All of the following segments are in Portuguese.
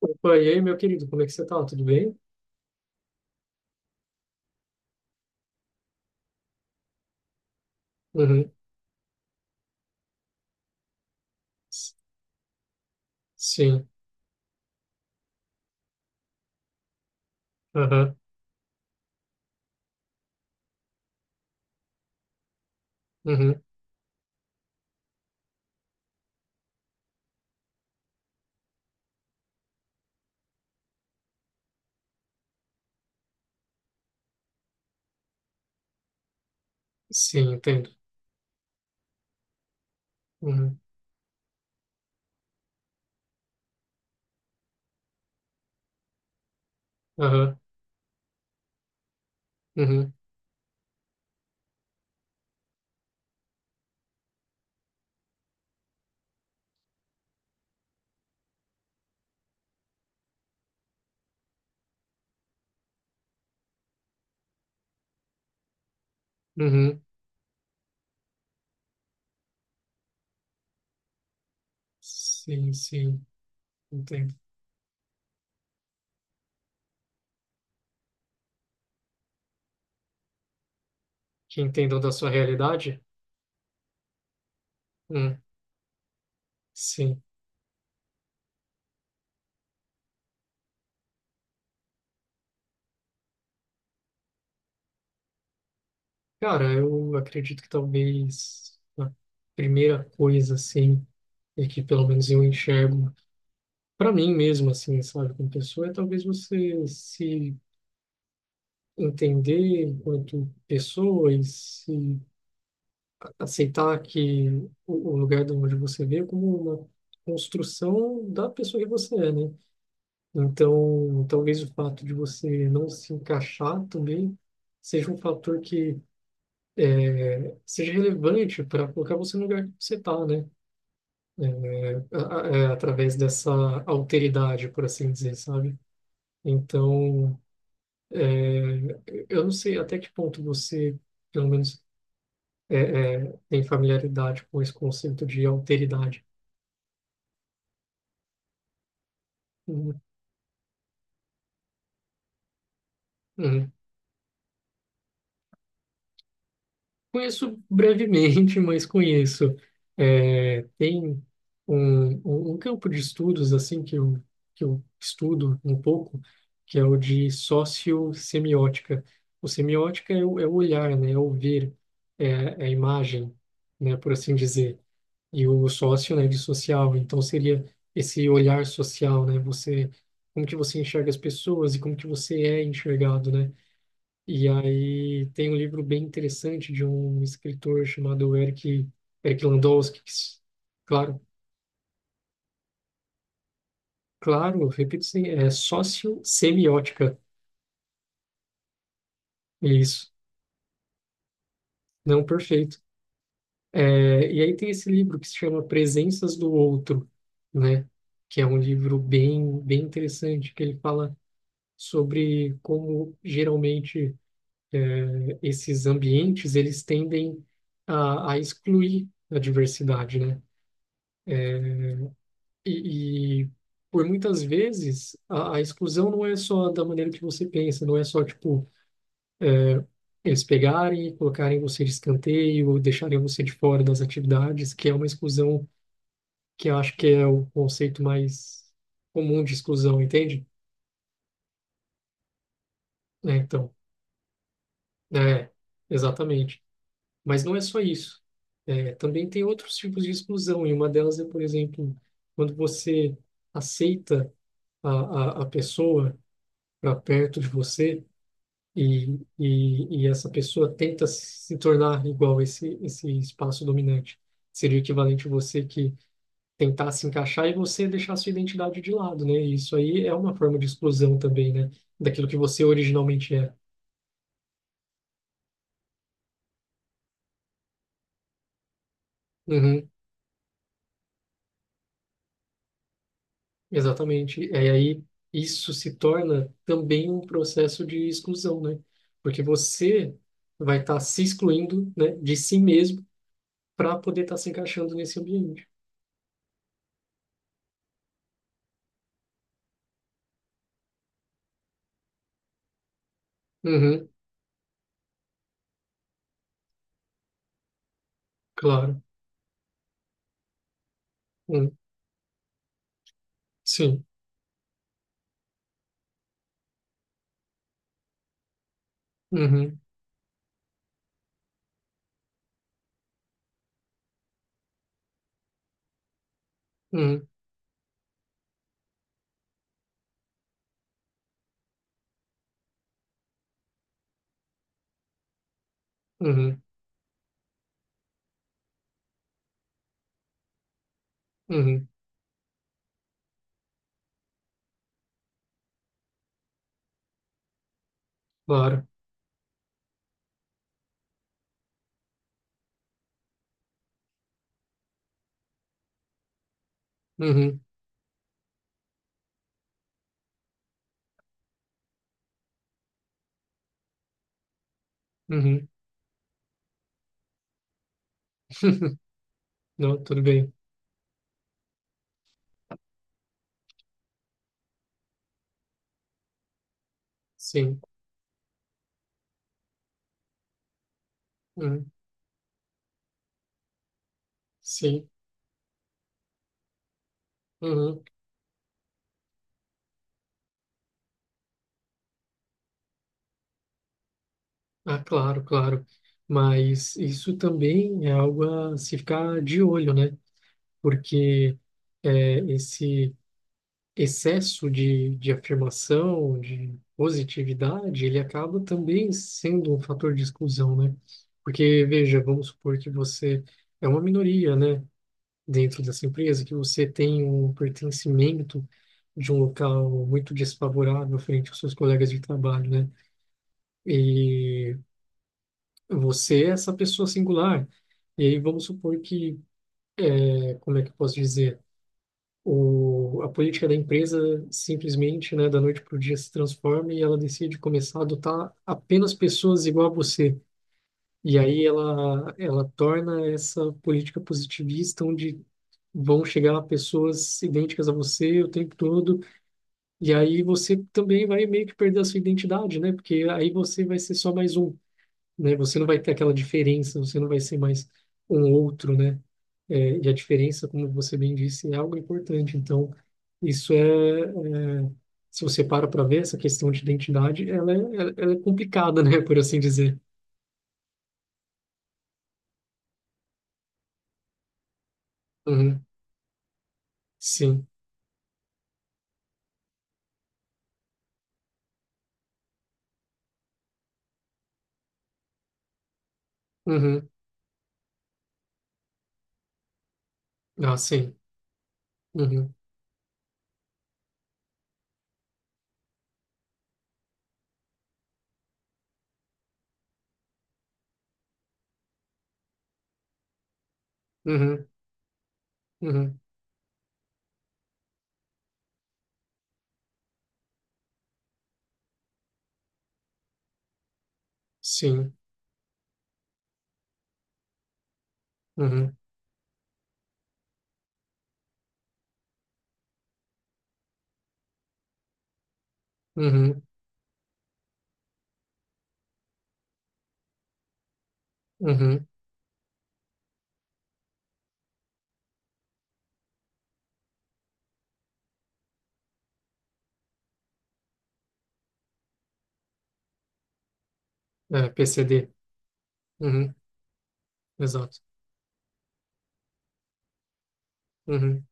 Opa, e aí, meu querido, como é que você tá? Tudo bem? Uhum. S- Sim. Aham. Uhum. Sim, entendo. Uhum. Aham. Uhum. Uhum. Sim, sim. Entendo. Que entendam da sua realidade? Hum. Sim. Cara, eu acredito que talvez a primeira coisa, assim, e que pelo menos eu enxergo para mim mesmo, assim, sabe, como pessoa, é talvez você se entender enquanto pessoa e se aceitar que o lugar de onde você veio como uma construção da pessoa que você é, né? Então, talvez o fato de você não se encaixar também seja um fator que é, seja relevante para colocar você no lugar que você está, né? Através dessa alteridade, por assim dizer, sabe? Então, eu não sei até que ponto você, pelo menos, é, tem familiaridade com esse conceito de alteridade. Uhum. Uhum. Conheço brevemente, mas conheço. É, tem um campo de estudos assim que eu estudo um pouco, que é o de sociossemiótica. O semiótica é é o olhar, né? É o ver, é a imagem, né? Por assim dizer. E o sócio, né? De social. Então seria esse olhar social, né? Você, como que você enxerga as pessoas e como que você é enxergado, né? E aí tem um livro bem interessante de um escritor chamado Eric Landowski, claro, claro, repito, sim, é sociossemiótica, é isso, não perfeito. É, e aí tem esse livro que se chama Presenças do Outro, né, que é um livro bem interessante, que ele fala sobre como geralmente esses ambientes, eles tendem a excluir a diversidade, né? E por muitas vezes a exclusão não é só da maneira que você pensa, não é só tipo eles pegarem e colocarem você de escanteio, ou deixarem você de fora das atividades, que é uma exclusão que eu acho que é o conceito mais comum de exclusão, entende? É, então, é, exatamente. Mas não é só isso. É, também tem outros tipos de exclusão, e uma delas é, por exemplo, quando você aceita a pessoa para perto de você e essa pessoa tenta se tornar igual a esse espaço dominante. Seria o equivalente a você que tentar se encaixar e você deixar sua identidade de lado, né? E isso aí é uma forma de exclusão também, né? Daquilo que você originalmente é. Uhum, exatamente. E aí isso se torna também um processo de exclusão, né? Porque você vai estar se excluindo, né, de si mesmo para poder estar se encaixando nesse ambiente. Uhum, claro. Uhum, sim. Uhum. Uhum, uhum, uhum, claro. Uhum, uhum. Não, tudo bem. Sim, uhum, sim. Uhum. Ah, claro, claro. Mas isso também é algo a se ficar de olho, né? Porque é, esse excesso de afirmação, de positividade, ele acaba também sendo um fator de exclusão, né? Porque, veja, vamos supor que você é uma minoria, né? Dentro dessa empresa, que você tem um pertencimento de um local muito desfavorável frente aos seus colegas de trabalho, né? E você é essa pessoa singular. E aí vamos supor que, como é que eu posso dizer? A política da empresa simplesmente, né, da noite para o dia se transforma e ela decide começar a adotar apenas pessoas igual a você. E aí ela torna essa política positivista onde vão chegar pessoas idênticas a você o tempo todo. E aí você também vai meio que perder a sua identidade, né? Porque aí você vai ser só mais um, né? Você não vai ter aquela diferença, você não vai ser mais um outro, né? É, e a diferença, como você bem disse, é algo importante. Então, isso é se você para para ver essa questão de identidade, ela é complicada, né? Por assim dizer. Uhum. Sim. Uhum. Ah, sim. Uhum. Uhum. Uhum. Sim. Uhum. Uhum. Uhum. É, PCD. Uhum. Exato. Uhum.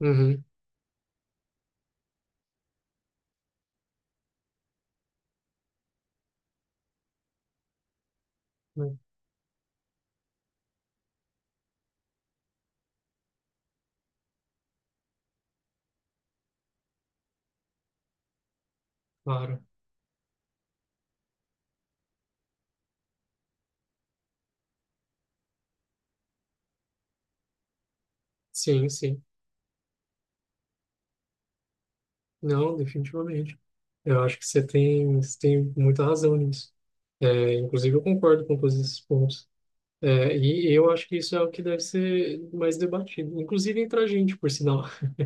Uhum, né, claro. Sim, sim. Não, definitivamente. Eu acho que você tem muita razão nisso. É, inclusive, eu concordo com todos esses pontos. É, e eu acho que isso é o que deve ser mais debatido, inclusive entre a gente, por sinal.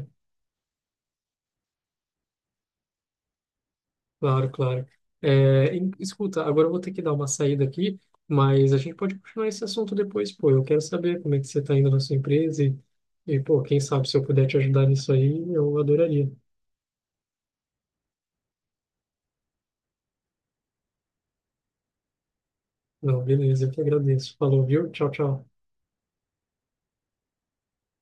Claro, claro. É, escuta, agora eu vou ter que dar uma saída aqui, mas a gente pode continuar esse assunto depois, pô. Eu quero saber como é que você está indo na sua empresa e, pô, quem sabe se eu puder te ajudar nisso aí, eu adoraria. Não, beleza, eu que agradeço. Falou, viu? Tchau, tchau.